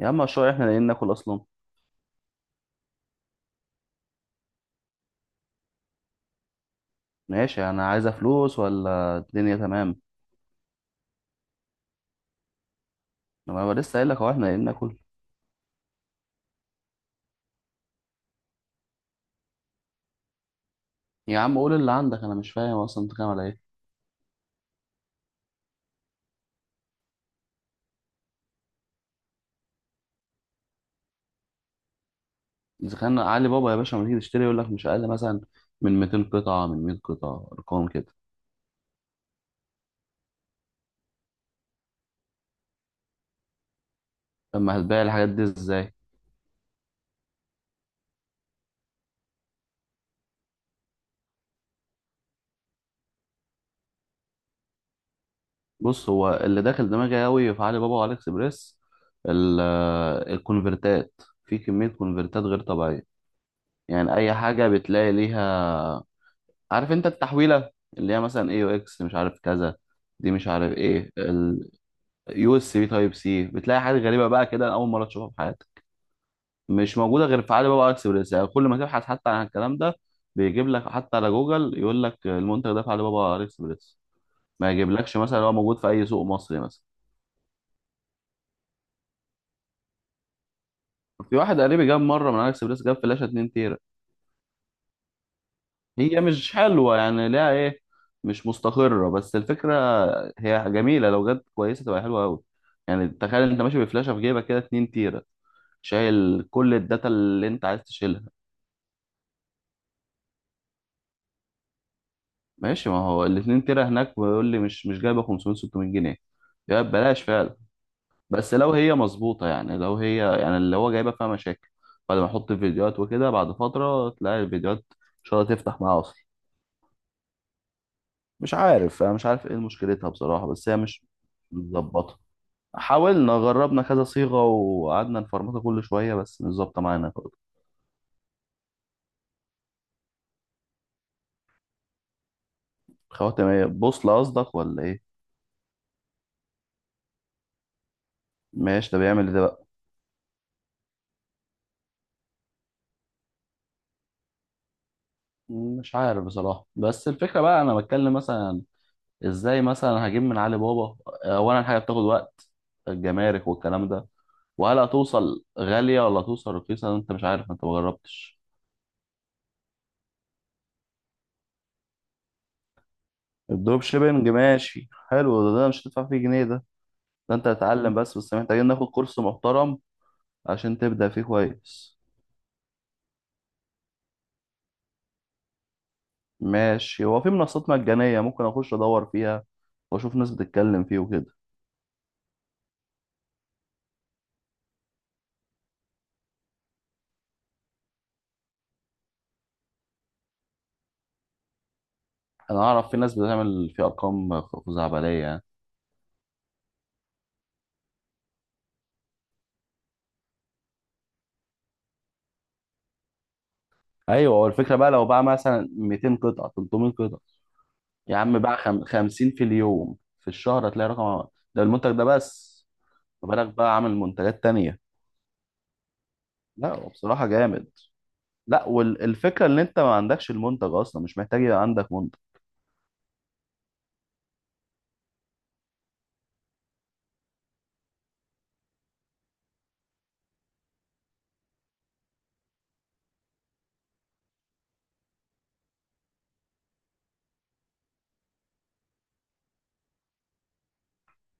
يا عم، مشروع؟ احنا لاقيين ناكل اصلا. ماشي، انا عايزه فلوس ولا الدنيا تمام؟ لما انا لسه قايل لك هو احنا لاقيين ناكل. يا عم قول اللي عندك، انا مش فاهم اصلا بتتكلم على ايه. اذا كان علي بابا يا باشا لما تيجي تشتري يقول لك مش اقل مثلا من 200 قطعه، من 100 قطعه، ارقام كده. اما هتبيع الحاجات دي ازاي؟ بص، هو اللي داخل دماغي قوي في علي بابا وعلي اكسبريس ال- الكونفرتات، في كميه كونفرتات غير طبيعيه. يعني اي حاجه بتلاقي ليها، عارف انت التحويله اللي هي مثلا اي او اكس مش عارف كذا، دي مش عارف ايه. اليو اس بي تايب سي، بتلاقي حاجات غريبه بقى كده، أنا اول مره تشوفها في حياتك. مش موجوده غير في علي بابا اكسبريس، يعني كل ما تبحث حتى عن الكلام ده بيجيب لك حتى على جوجل، يقول لك المنتج ده في علي بابا اكسبريس. ما يجيبلكش مثلا هو موجود في اي سوق مصري مثلا. في واحد قريبي جاب مره من علي اكسبريس، جاب فلاشه 2 تيرا. هي مش حلوة يعني، ليها ايه، مش مستقرة، بس الفكرة هي جميلة لو جت كويسة تبقى حلوة أوي. يعني تخيل انت ماشي بفلاشة في جيبك كده 2 تيرة، شايل كل الداتا اللي انت عايز تشيلها. ماشي، ما هو ال 2 تيرة هناك بيقول لي مش جايبة 500 600 جنيه. يبقى ببلاش فعلا. بس لو هي مظبوطة، يعني لو هي يعني اللي هو جايبة فيها مشاكل، بعد ما احط فيديوهات وكده بعد فترة تلاقي الفيديوهات ان شاء الله تفتح معاها اصلا. مش عارف، انا مش عارف ايه مشكلتها بصراحة، بس هي مش متظبطة. حاولنا جربنا كذا صيغة وقعدنا نفرمطه كل شوية، بس مش ظابطة معانا برضه. خواتم ايه، بوصلة قصدك ولا ايه؟ ماشي، ده بيعمل ده بقى. مش عارف بصراحة، بس الفكرة بقى انا بتكلم مثلا ازاي مثلا هجيب من علي بابا. اولا حاجة بتاخد وقت، الجمارك والكلام ده، وهل هتوصل غالية ولا هتوصل رخيصة، انت مش عارف، انت مجربتش. الدروب شيبنج ماشي حلو ده، ده مش هتدفع فيه جنيه ده. ده انت هتتعلم، بس محتاجين ناخد كورس محترم عشان تبدأ فيه كويس. ماشي، هو في منصات مجانية ممكن أخش أدور فيها وأشوف ناس بتتكلم فيه وكده. أنا أعرف في ناس بتعمل في أرقام خزعبلية يعني. أيوة، هو الفكرة بقى لو باع مثلا 200 قطعة 300 قطعة. يا عم باع 50 في اليوم، في الشهر هتلاقي رقم، ده المنتج ده بس. ما بالك بقى عامل منتجات تانية. لا هو بصراحة جامد. لا، والفكرة إن أنت ما عندكش المنتج أصلا، مش محتاج يبقى عندك منتج.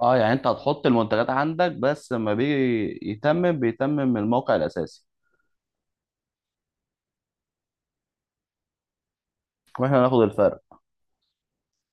اه، يعني انت هتحط المنتجات عندك بس لما بيجي يتمم بيتمم من الموقع الاساسي. واحنا هناخد الفرق.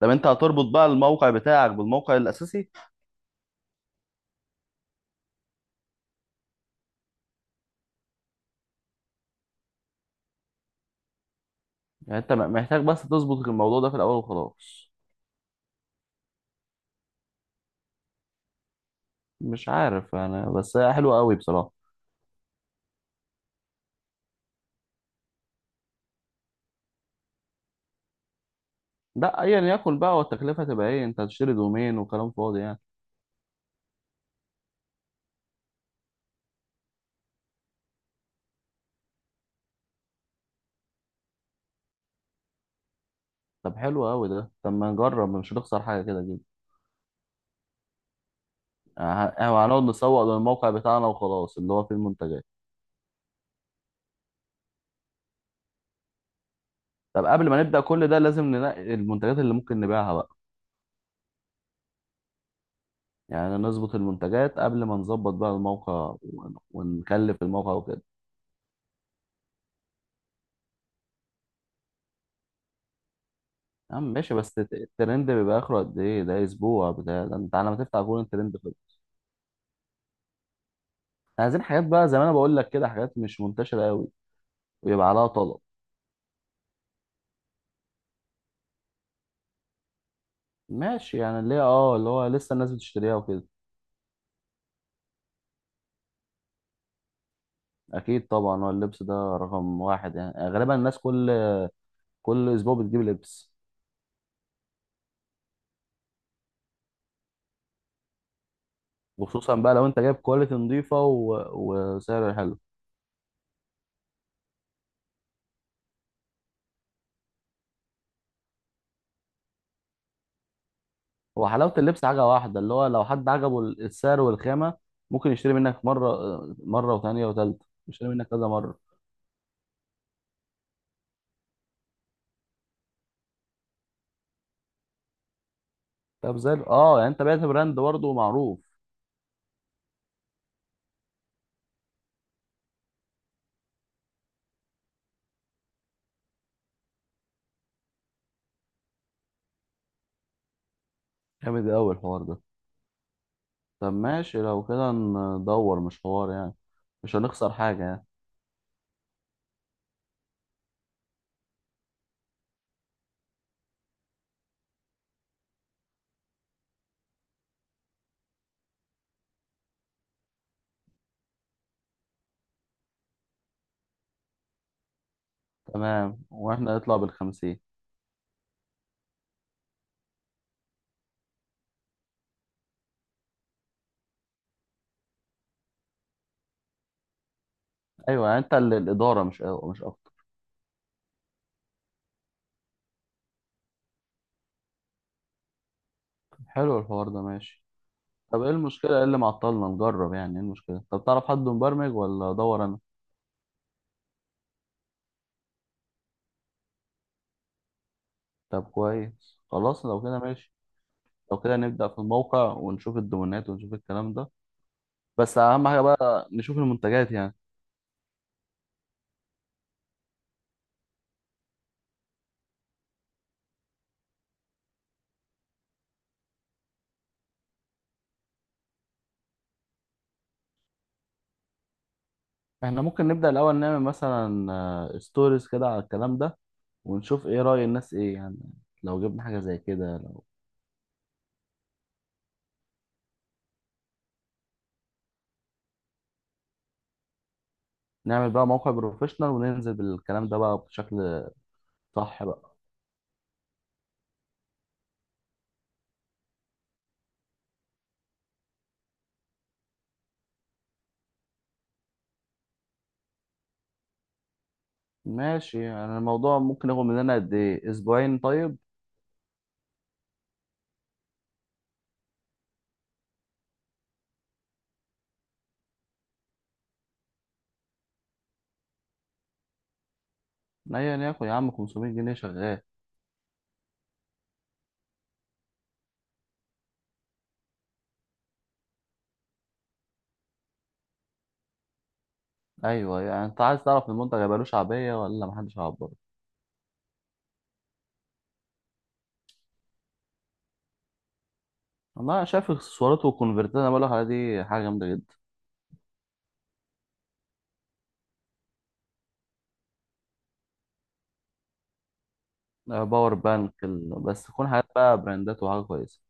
طب انت هتربط بقى الموقع بتاعك بالموقع الاساسي. يعني انت محتاج بس تظبط الموضوع ده في الاول وخلاص. مش عارف انا، بس هي حلوه قوي بصراحه. لا ايا يكن بقى، والتكلفه تبقى ايه، انت هتشتري دومين وكلام فاضي يعني. طب حلو قوي ده، طب ما نجرب، مش هنخسر حاجه كده كده. اه، هنقعد نسوق للموقع بتاعنا وخلاص اللي هو فيه المنتجات. طب قبل ما نبدا كل ده، لازم ننقي المنتجات اللي ممكن نبيعها بقى. يعني نظبط المنتجات قبل ما نظبط بقى الموقع ونكلف الموقع وكده. يا عم ماشي، بس الترند بيبقى اخره قد ايه، ده اسبوع بتاع ده، انت على ما تفتح جوجل الترند خلص. إحنا عايزين حاجات بقى، زي ما انا بقول لك كده، حاجات مش منتشره قوي ويبقى عليها طلب. ماشي، يعني اللي هي اه اللي هو لسه الناس بتشتريها وكده. اكيد طبعا، هو اللبس ده رقم واحد يعني، غالبا الناس كل اسبوع بتجيب لبس. وخصوصا بقى لو انت جايب كواليتي نظيفه و... وسعر حلو. هو حلاوه اللبس حاجه واحده، اللي هو لو حد عجبه السعر والخامه ممكن يشتري منك مره وثانيه وثالثه، يشتري منك كذا مره. طب زي يعني انت بعت براند برضه معروف. جامد قوي الحوار ده. طب ماشي، لو كده ندور، مش حوار يعني، مش هنخسر حاجة يعني. تمام، واحنا نطلع بالخمسين. ايوه يعني انت اللي الإدارة، مش أو مش اكتر. حلو الحوار ده، ماشي. طب ايه المشكلة، ايه اللي معطلنا نجرب يعني، ايه المشكلة، طب تعرف حد مبرمج ولا ادور انا؟ طب كويس، خلاص لو كده ماشي. لو كده نبدأ في الموقع، ونشوف الدومينات، ونشوف الكلام ده، بس اهم حاجة بقى نشوف المنتجات يعني. احنا ممكن نبدأ الأول نعمل مثلا ستوريز كده على الكلام ده، ونشوف ايه رأي الناس ايه يعني. لو جبنا حاجة زي كده نعمل بقى موقع بروفيشنال وننزل بالكلام ده بقى بشكل صح بقى. ماشي يعني، الموضوع ممكن ياخد مننا قد ايه، اسبوعين طيب. ايا ياكل يا عم، 500 جنيه شغال. ايوه يعني انت عايز تعرف المنتج هيبقى له شعبية ولا محدش هيعبره. والله انا شايف اكسسوارات والكونفرتات، انا بقول لك عليها دي حاجة جامدة جدا. باور بانك بس تكون حاجات بقى براندات وحاجة كويسة.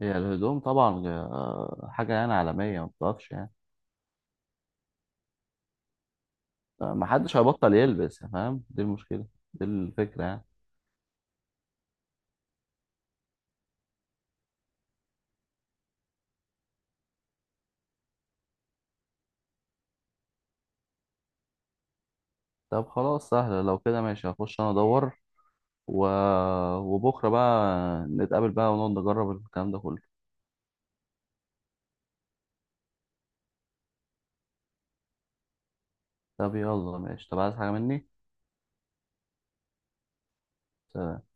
هي الهدوم طبعا حاجة يعني عالمية ما بتقفش يعني. محدش هيبطل يلبس يا فاهم، دي المشكلة، دي الفكرة يعني. طب خلاص سهلة، لو كده ماشي هخش أنا أدور، و... وبكرة بقى نتقابل بقى ونقعد نجرب الكلام ده كله. طب يلا ماشي، طب عايز حاجة مني؟ سلام.